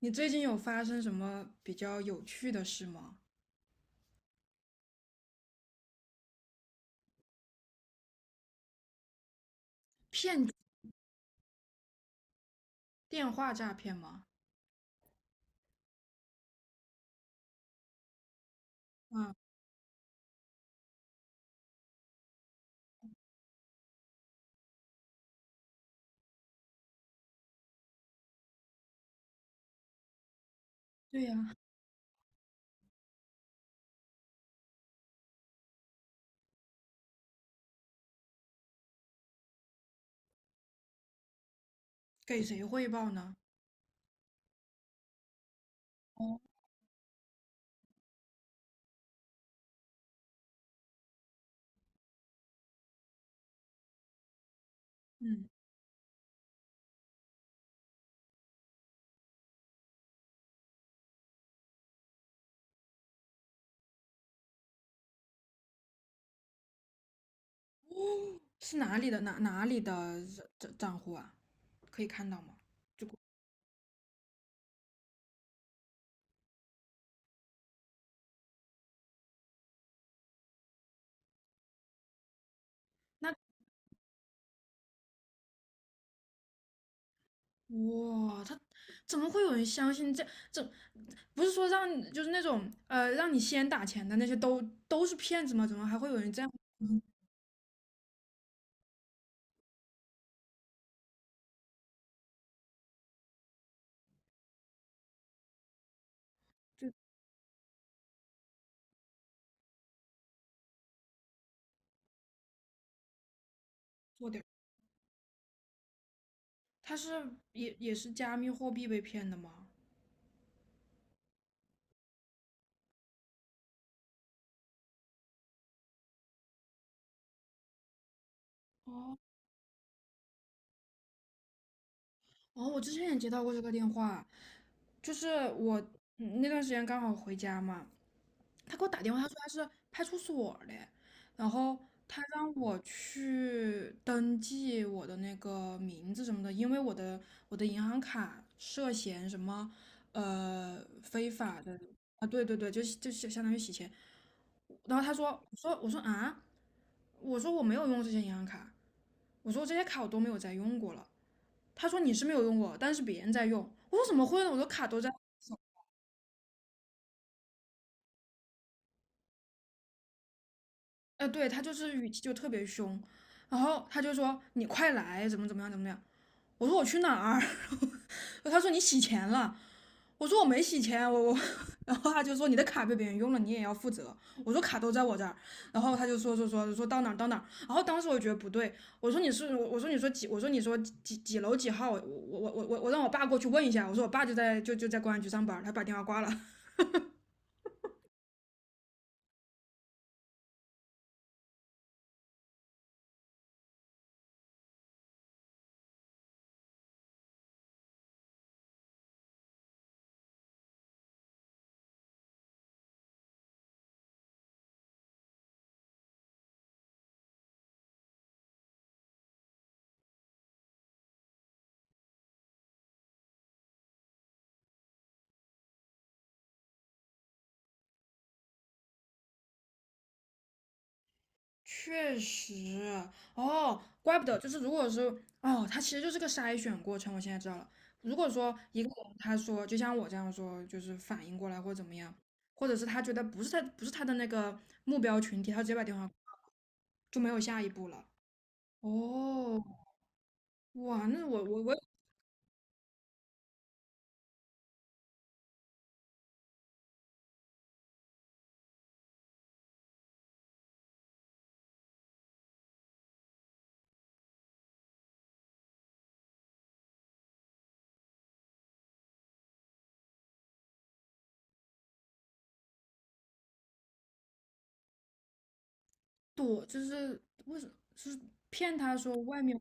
你最近有发生什么比较有趣的事吗？骗局电话诈骗吗？啊，对呀，给谁汇报呢？哦，嗯，是哪里的哪里的账户啊？可以看到吗？那哇，他怎么会有人相信这？不是说让就是那种让你先打钱的那些都是骗子吗？怎么还会有人这样？嗯，就做点。他是也是加密货币被骗的吗？哦。哦，我之前也接到过这个电话，就是我那段时间刚好回家嘛，他给我打电话，他说他是派出所的，然后他让我去登记我的那个名字什么的，因为我的银行卡涉嫌什么非法的。啊，对对对，就是就是相当于洗钱。然后他说，我说啊，我说我没有用这些银行卡，我说这些卡我都没有再用过了。他说你是没有用过，但是别人在用。我说怎么会呢？我的卡都在。呃，对，他就是语气就特别凶，然后他就说你快来，怎么怎么样，怎么样。我说我去哪儿？他说你洗钱了。我说我没洗钱，我，然后他就说你的卡被别人用了，你也要负责。我说卡都在我这儿，然后他就说到哪儿到哪儿。然后当时我觉得不对，我说你是我我说你说几我说你说几楼几号，我让我爸过去问一下。我说我爸就在公安局上班，他把电话挂了。确实。哦，怪不得，就是如果说哦，他其实就是个筛选过程。我现在知道了，如果说一个人他说，就像我这样说，就是反应过来或者怎么样，或者是他觉得不是他的那个目标群体，他直接把电话挂了就没有下一步了。哦，哇，那我躲，就是为什么是骗他说外面？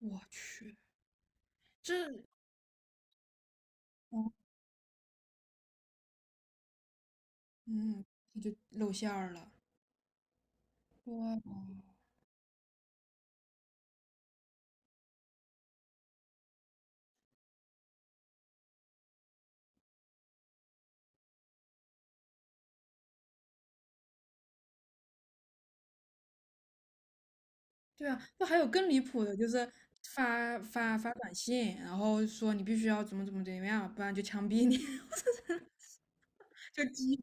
我去，这哦，嗯，他就露馅儿了。哇，对啊，那还有更离谱的，就是发短信，然后说你必须要怎么样，不然就枪毙你，就鸡，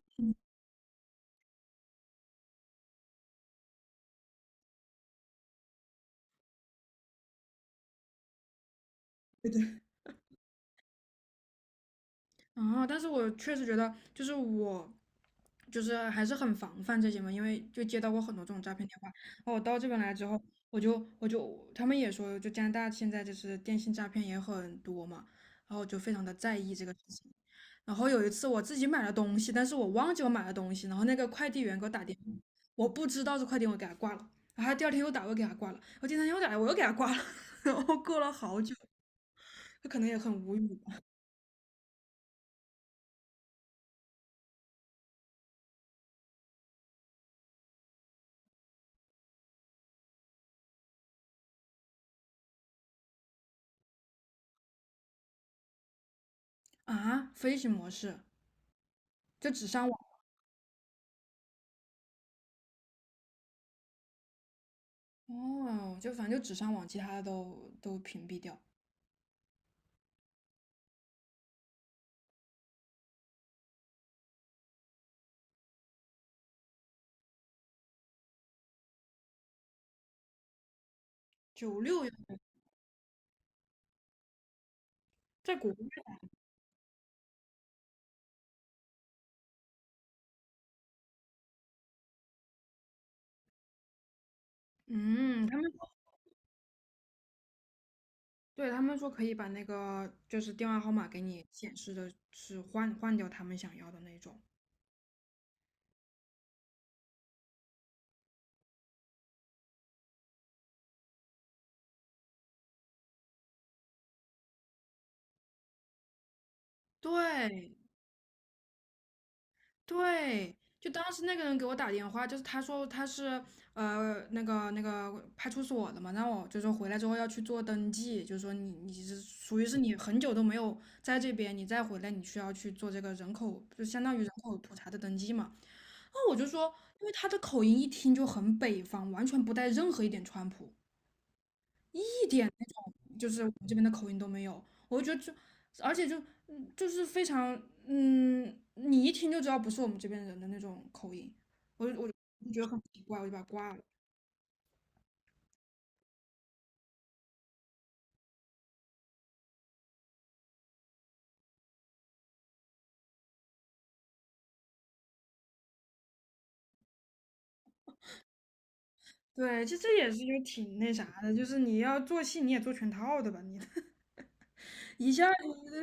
对。对啊！但是我确实觉得，就是我，就是还是很防范这些嘛，因为就接到过很多这种诈骗电话。然后我到这边来之后，我就他们也说，就加拿大现在就是电信诈骗也很多嘛，然后就非常的在意这个事情。然后有一次我自己买了东西，但是我忘记我买了东西，然后那个快递员给我打电话，我不知道是快递员，我给他挂了。然后他第二天又打，我又给他挂了。我第三天又打来，我又给他挂了。然后过了好久，他可能也很无语吧。啊，飞行模式。就只上网。哦，就反正就只上网，其他的都屏蔽掉。九六在国内，嗯，他们说。对他们说可以把那个就是电话号码给你显示的是换掉他们想要的那种。对，对，就当时那个人给我打电话，就是他说他是那个派出所的嘛，让我就说回来之后要去做登记，就是说你你是属于是你很久都没有在这边，你再回来你需要去做这个人口，就相当于人口普查的登记嘛。然后我就说，因为他的口音一听就很北方，完全不带任何一点川普。一点那种就是我们这边的口音都没有，我就觉得就，而且就就是非常，你一听就知道不是我们这边人的那种口音，我就觉得很奇怪，我就把它挂了。对，其实这也是就挺那啥的，就是你要做戏，你也做全套的吧，你 一下就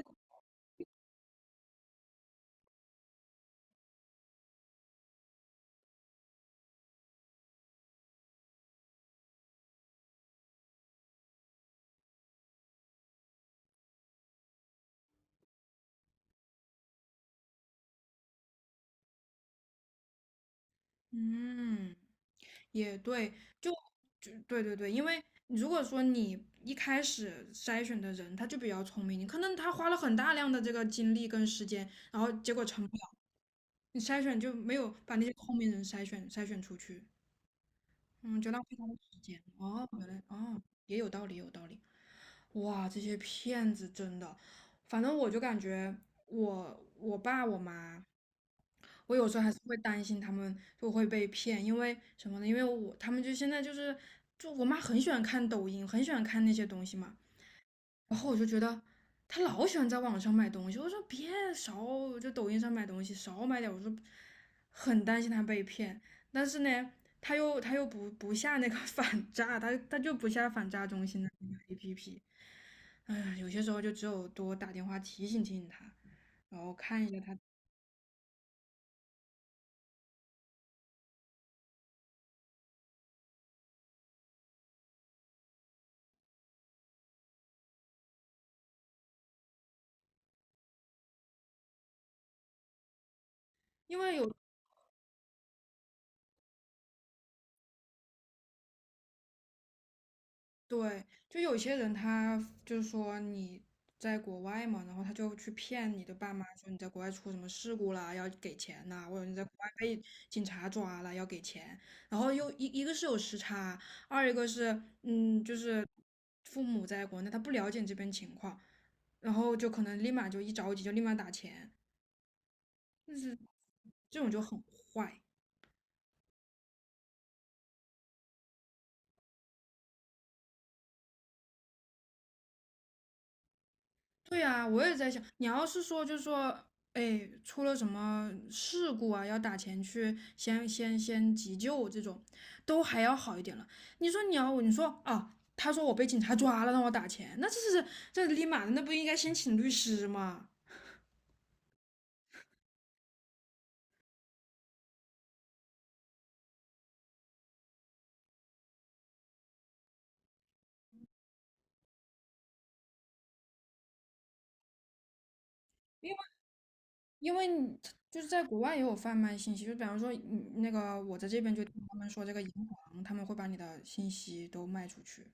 嗯。也对，就就对对对，因为如果说你一开始筛选的人他就比较聪明，你可能他花了很大量的这个精力跟时间，然后结果成你筛选就没有把那些聪明人筛选出去，嗯，就浪费他们时间。哦，原来哦，也有道理，也有道理。哇，这些骗子真的，反正我就感觉我爸我妈，我有时候还是会担心他们就会被骗，因为什么呢？因为我他们就现在就是就我妈很喜欢看抖音，很喜欢看那些东西嘛。然后我就觉得他老喜欢在网上买东西，我说别少就抖音上买东西，少买点。我说很担心他被骗，但是呢，他又不下那个 反诈，他就不下反诈中心的那个 APP。哎呀，有些时候就只有多打电话提醒他，然后看一下他，因为有。对，就有些人他就是说你在国外嘛，然后他就去骗你的爸妈说你在国外出什么事故啦，要给钱呐、或者你在国外被警察抓了要给钱，然后又一一个是有时差，二一个是就是父母在国内他不了解你这边情况，然后就可能立马就一着急就立马打钱，但是这种就很坏。对呀，我也在想，你要是说就是说，哎，出了什么事故啊，要打钱去先急救这种，都还要好一点了。你说你要，你说啊，他说我被警察抓了，让我打钱，那这是这立马的，那不应该先请律师吗？因为你他就是在国外也有贩卖信息，就比方说，嗯，那个我在这边就听他们说这个银行，他们会把你的信息都卖出去，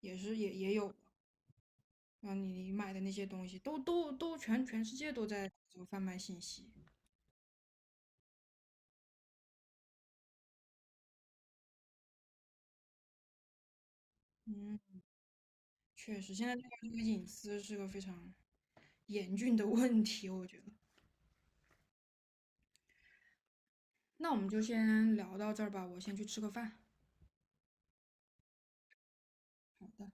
也是也有。然后你买的那些东西，都全世界都在这个贩卖信息。嗯，确实，现在这个隐私是个非常严峻的问题，我觉得。那我们就先聊到这儿吧，我先去吃个饭。好的。